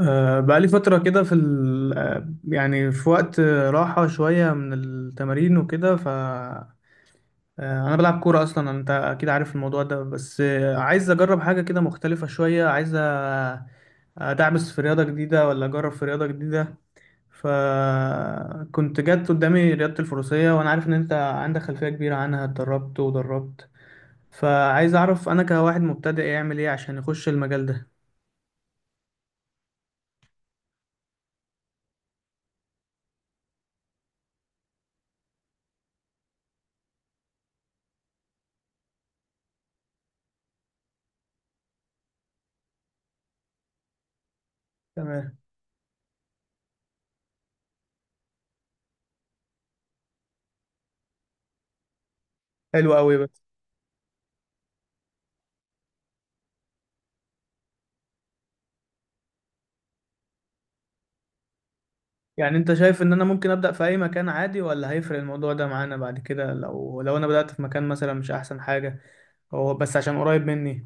بقالي فترة كده في ال... آه، يعني في وقت راحة شوية من التمارين وكده ف آه، أنا بلعب كورة أصلا أنت أكيد عارف الموضوع ده بس عايز أجرب حاجة كده مختلفة شوية عايز أدعبس في رياضة جديدة ولا أجرب في رياضة جديدة. فكنت جت قدامي رياضة الفروسية وأنا عارف إن أنت عندك خلفية كبيرة عنها، اتدربت ودربت، فعايز أعرف أنا كواحد مبتدئ يعمل إيه عشان يخش المجال ده. تمام. حلو أوي. يعني انت شايف ان انا ممكن ابدا في اي مكان عادي ولا هيفرق الموضوع ده معانا بعد كده، لو انا بدات في مكان مثلا مش احسن حاجه، هو بس عشان قريب مني؟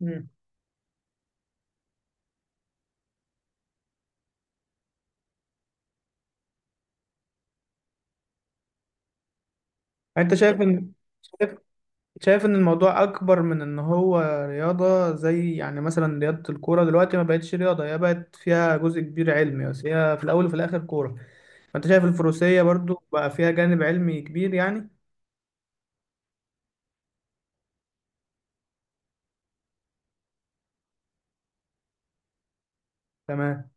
امم. انت شايف ان شايف شايف ان الموضوع اكبر من ان هو رياضه، زي يعني مثلا رياضه الكوره دلوقتي ما بقتش رياضه، هي بقت فيها جزء كبير علمي، بس هي في الاول وفي الاخر كوره. فانت شايف الفروسيه برضو بقى فيها جانب علمي كبير يعني؟ تمام.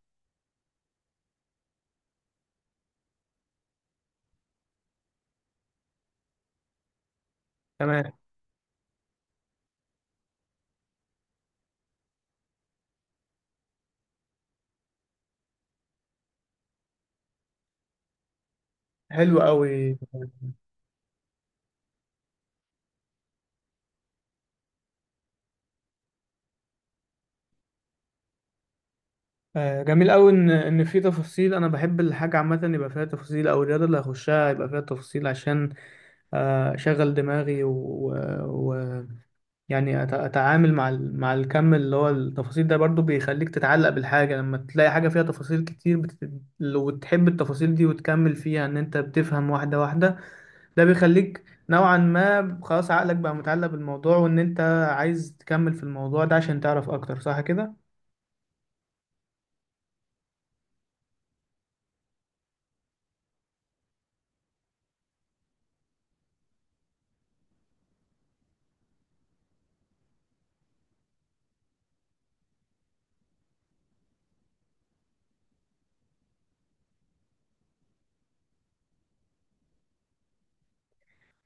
تمام. حلو قوي. آه، جميل قوي ان في تفاصيل. انا بحب الحاجه عامه يبقى فيها تفاصيل، او الرياضه اللي هخشها يبقى فيها تفاصيل، عشان اشغل دماغي، ويعني يعني اتعامل مع مع الكم اللي هو التفاصيل ده. برضو بيخليك تتعلق بالحاجه، لما تلاقي حاجه فيها تفاصيل كتير لو تحب التفاصيل دي وتكمل فيها، ان انت بتفهم واحده واحده، ده بيخليك نوعا ما خلاص عقلك بقى متعلق بالموضوع، وان انت عايز تكمل في الموضوع ده عشان تعرف اكتر، صح كده؟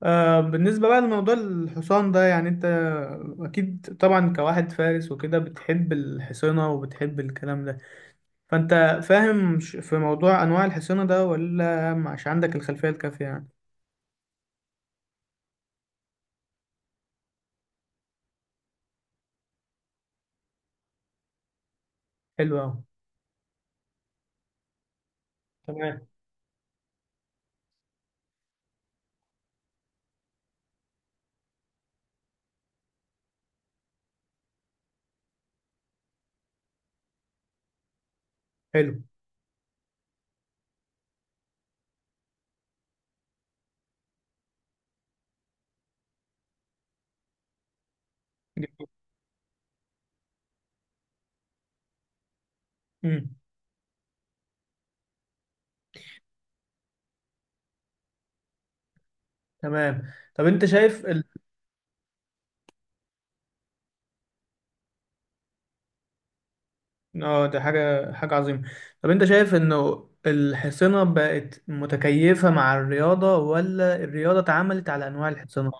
آه، بالنسبة بقى لموضوع الحصان ده، يعني انت اكيد طبعا كواحد فارس وكده بتحب الحصينة وبتحب الكلام ده، فانت فاهم في موضوع انواع الحصينة ده، ولا مش عندك الخلفية الكافية يعني؟ حلو اوي. تمام. حلو. جميل. مم. تمام، طب انت شايف اه، ده حاجة عظيمة. طب انت شايف انه الحصينة بقت متكيفة مع الرياضة، ولا الرياضة اتعملت على انواع الحصينة؟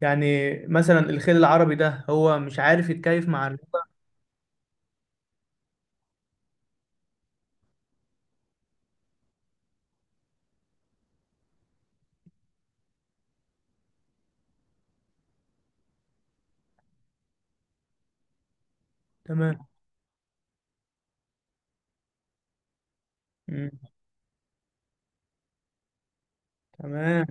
يعني مثلا الخيل العربي ده هو مش عارف يتكيف مع تمام. مم. تمام.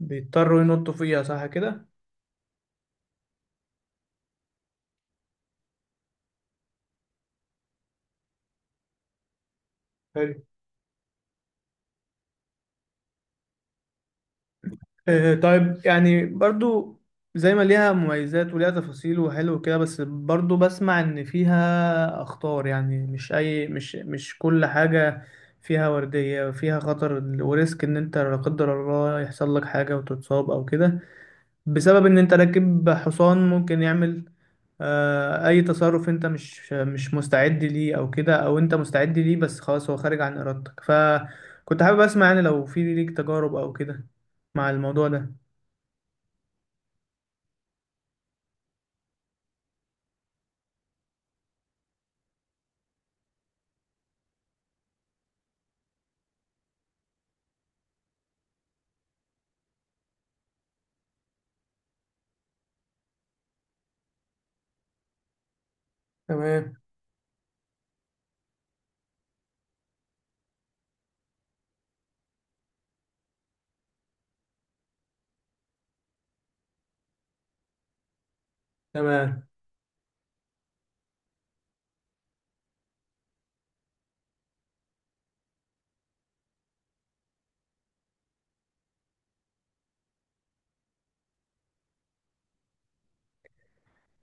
بيضطروا ينطوا فيها، صح كده؟ حلو. آه طيب، يعني برضو زي ما ليها مميزات وليها تفاصيل وحلو كده، بس برضو بسمع ان فيها اخطار. يعني مش اي مش كل حاجة فيها وردية، فيها خطر وريسك، ان انت لا قدر الله يحصل لك حاجة وتتصاب او كده، بسبب ان انت راكب حصان ممكن يعمل اي تصرف انت مش مستعد ليه او كده، او انت مستعد ليه بس خلاص هو خارج عن ارادتك. فكنت حابب اسمع يعني لو في ليك تجارب او كده مع الموضوع ده. تمام. تمام.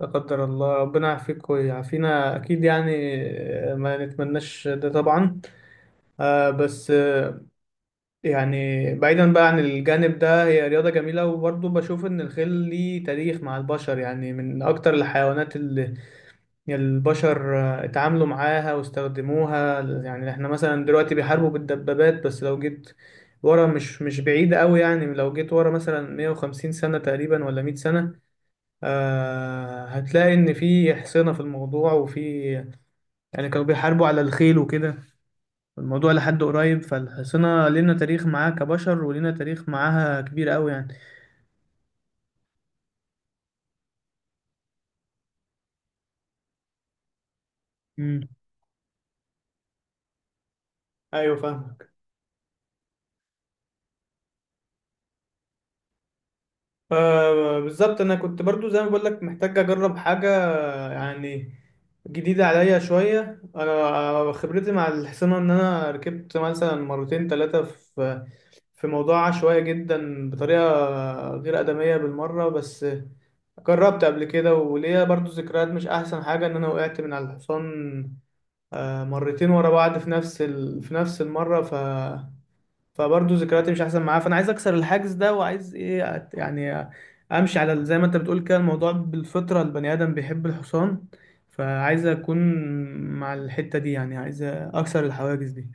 لا قدر الله، ربنا يعافيك ويعافينا اكيد يعني، آه، ما نتمناش ده طبعا. آه، بس آه، يعني بعيدا بقى عن الجانب ده، هي رياضة جميلة، وبرضه بشوف إن الخيل ليه تاريخ مع البشر، يعني من أكتر الحيوانات اللي البشر اتعاملوا معاها واستخدموها. يعني إحنا مثلا دلوقتي بيحاربوا بالدبابات، بس لو جيت ورا مش بعيد أوي، يعني لو جيت ورا مثلا 150 سنة تقريبا ولا 100 سنة، آه، هتلاقي إن في حصينة في الموضوع، وفي يعني كانوا بيحاربوا على الخيل وكده الموضوع لحد قريب. فالحصانة لنا تاريخ معاها كبشر، ولنا تاريخ معاها كبير قوي يعني. امم. ايوه، فاهمك. آه بالظبط، انا كنت برضو زي ما بقول لك محتاج اجرب حاجه يعني جديده عليا شويه. انا خبرتي مع الحصانه ان انا ركبت مثلا مرتين ثلاثه في في موضوع عشوائي جدا، بطريقه غير ادميه بالمره، بس جربت قبل كده، وليا برضو ذكريات مش احسن حاجه، ان انا وقعت من على الحصان مرتين ورا بعض في نفس في نفس المرة. فبرضه ذكرياتي مش احسن معاه، فانا عايز اكسر الحاجز ده، وعايز ايه يعني امشي على زي ما انت بتقول كده، الموضوع بالفطرة، البني ادم بيحب الحصان، فعايز اكون مع الحتة دي، يعني عايز اكسر الحواجز دي.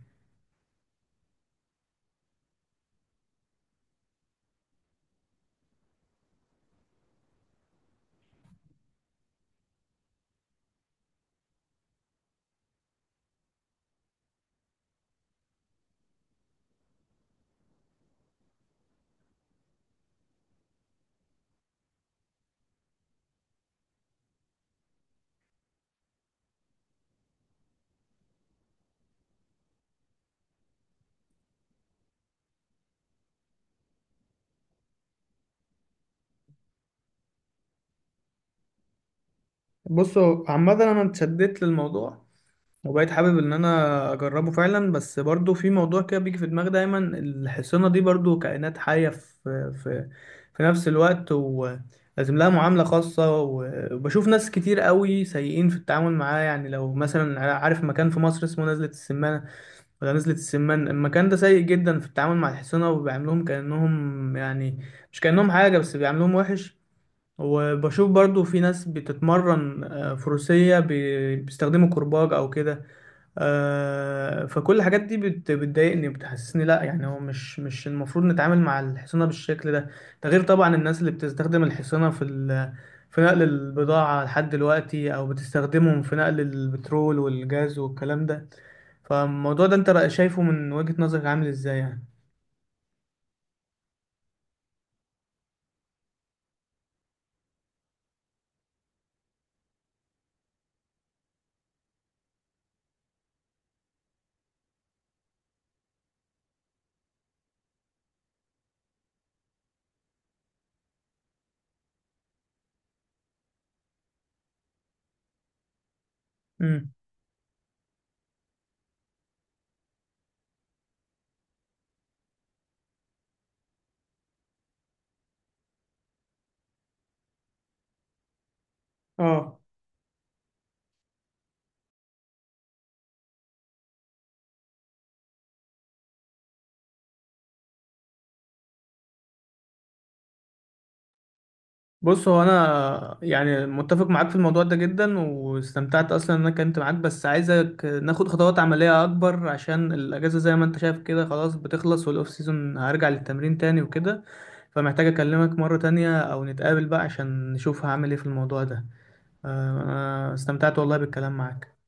بصوا، عامة انا اتشددت للموضوع، وبقيت حابب ان انا اجربه فعلا، بس برضو في موضوع كده بيجي في دماغي دايما، الحصانه دي برضو كائنات حيه في في نفس الوقت، ولازم لها معامله خاصه. وبشوف ناس كتير قوي سيئين في التعامل معاه، يعني لو مثلا عارف مكان في مصر اسمه نزلة السمانه ولا نزلة السمان، المكان ده سيء جدا في التعامل مع الحصانه، وبيعاملوهم كانهم يعني، مش كانهم حاجه، بس بيعاملوهم وحش. وبشوف برضو في ناس بتتمرن فروسيه بيستخدموا كرباج او كده. فكل الحاجات دي بتضايقني، بتحسسني لا، يعني هو مش المفروض نتعامل مع الحصانة بالشكل ده. ده غير طبعا الناس اللي بتستخدم الحصانة في في نقل البضاعة لحد دلوقتي، او بتستخدمهم في نقل البترول والجاز والكلام ده. فالموضوع ده انت بقى شايفه من وجهة نظرك عامل ازاي يعني؟ امم. اه. بص هو انا يعني متفق معاك في الموضوع ده جدا، واستمتعت اصلا ان انا كنت معاك، بس عايزك ناخد خطوات عمليه اكبر، عشان الاجازه زي ما انت شايف كده خلاص بتخلص، والاوف سيزون هرجع للتمرين تاني وكده. فمحتاج اكلمك مره تانية او نتقابل بقى، عشان نشوف هعمل ايه في الموضوع ده. آه، انا استمتعت والله بالكلام معاك.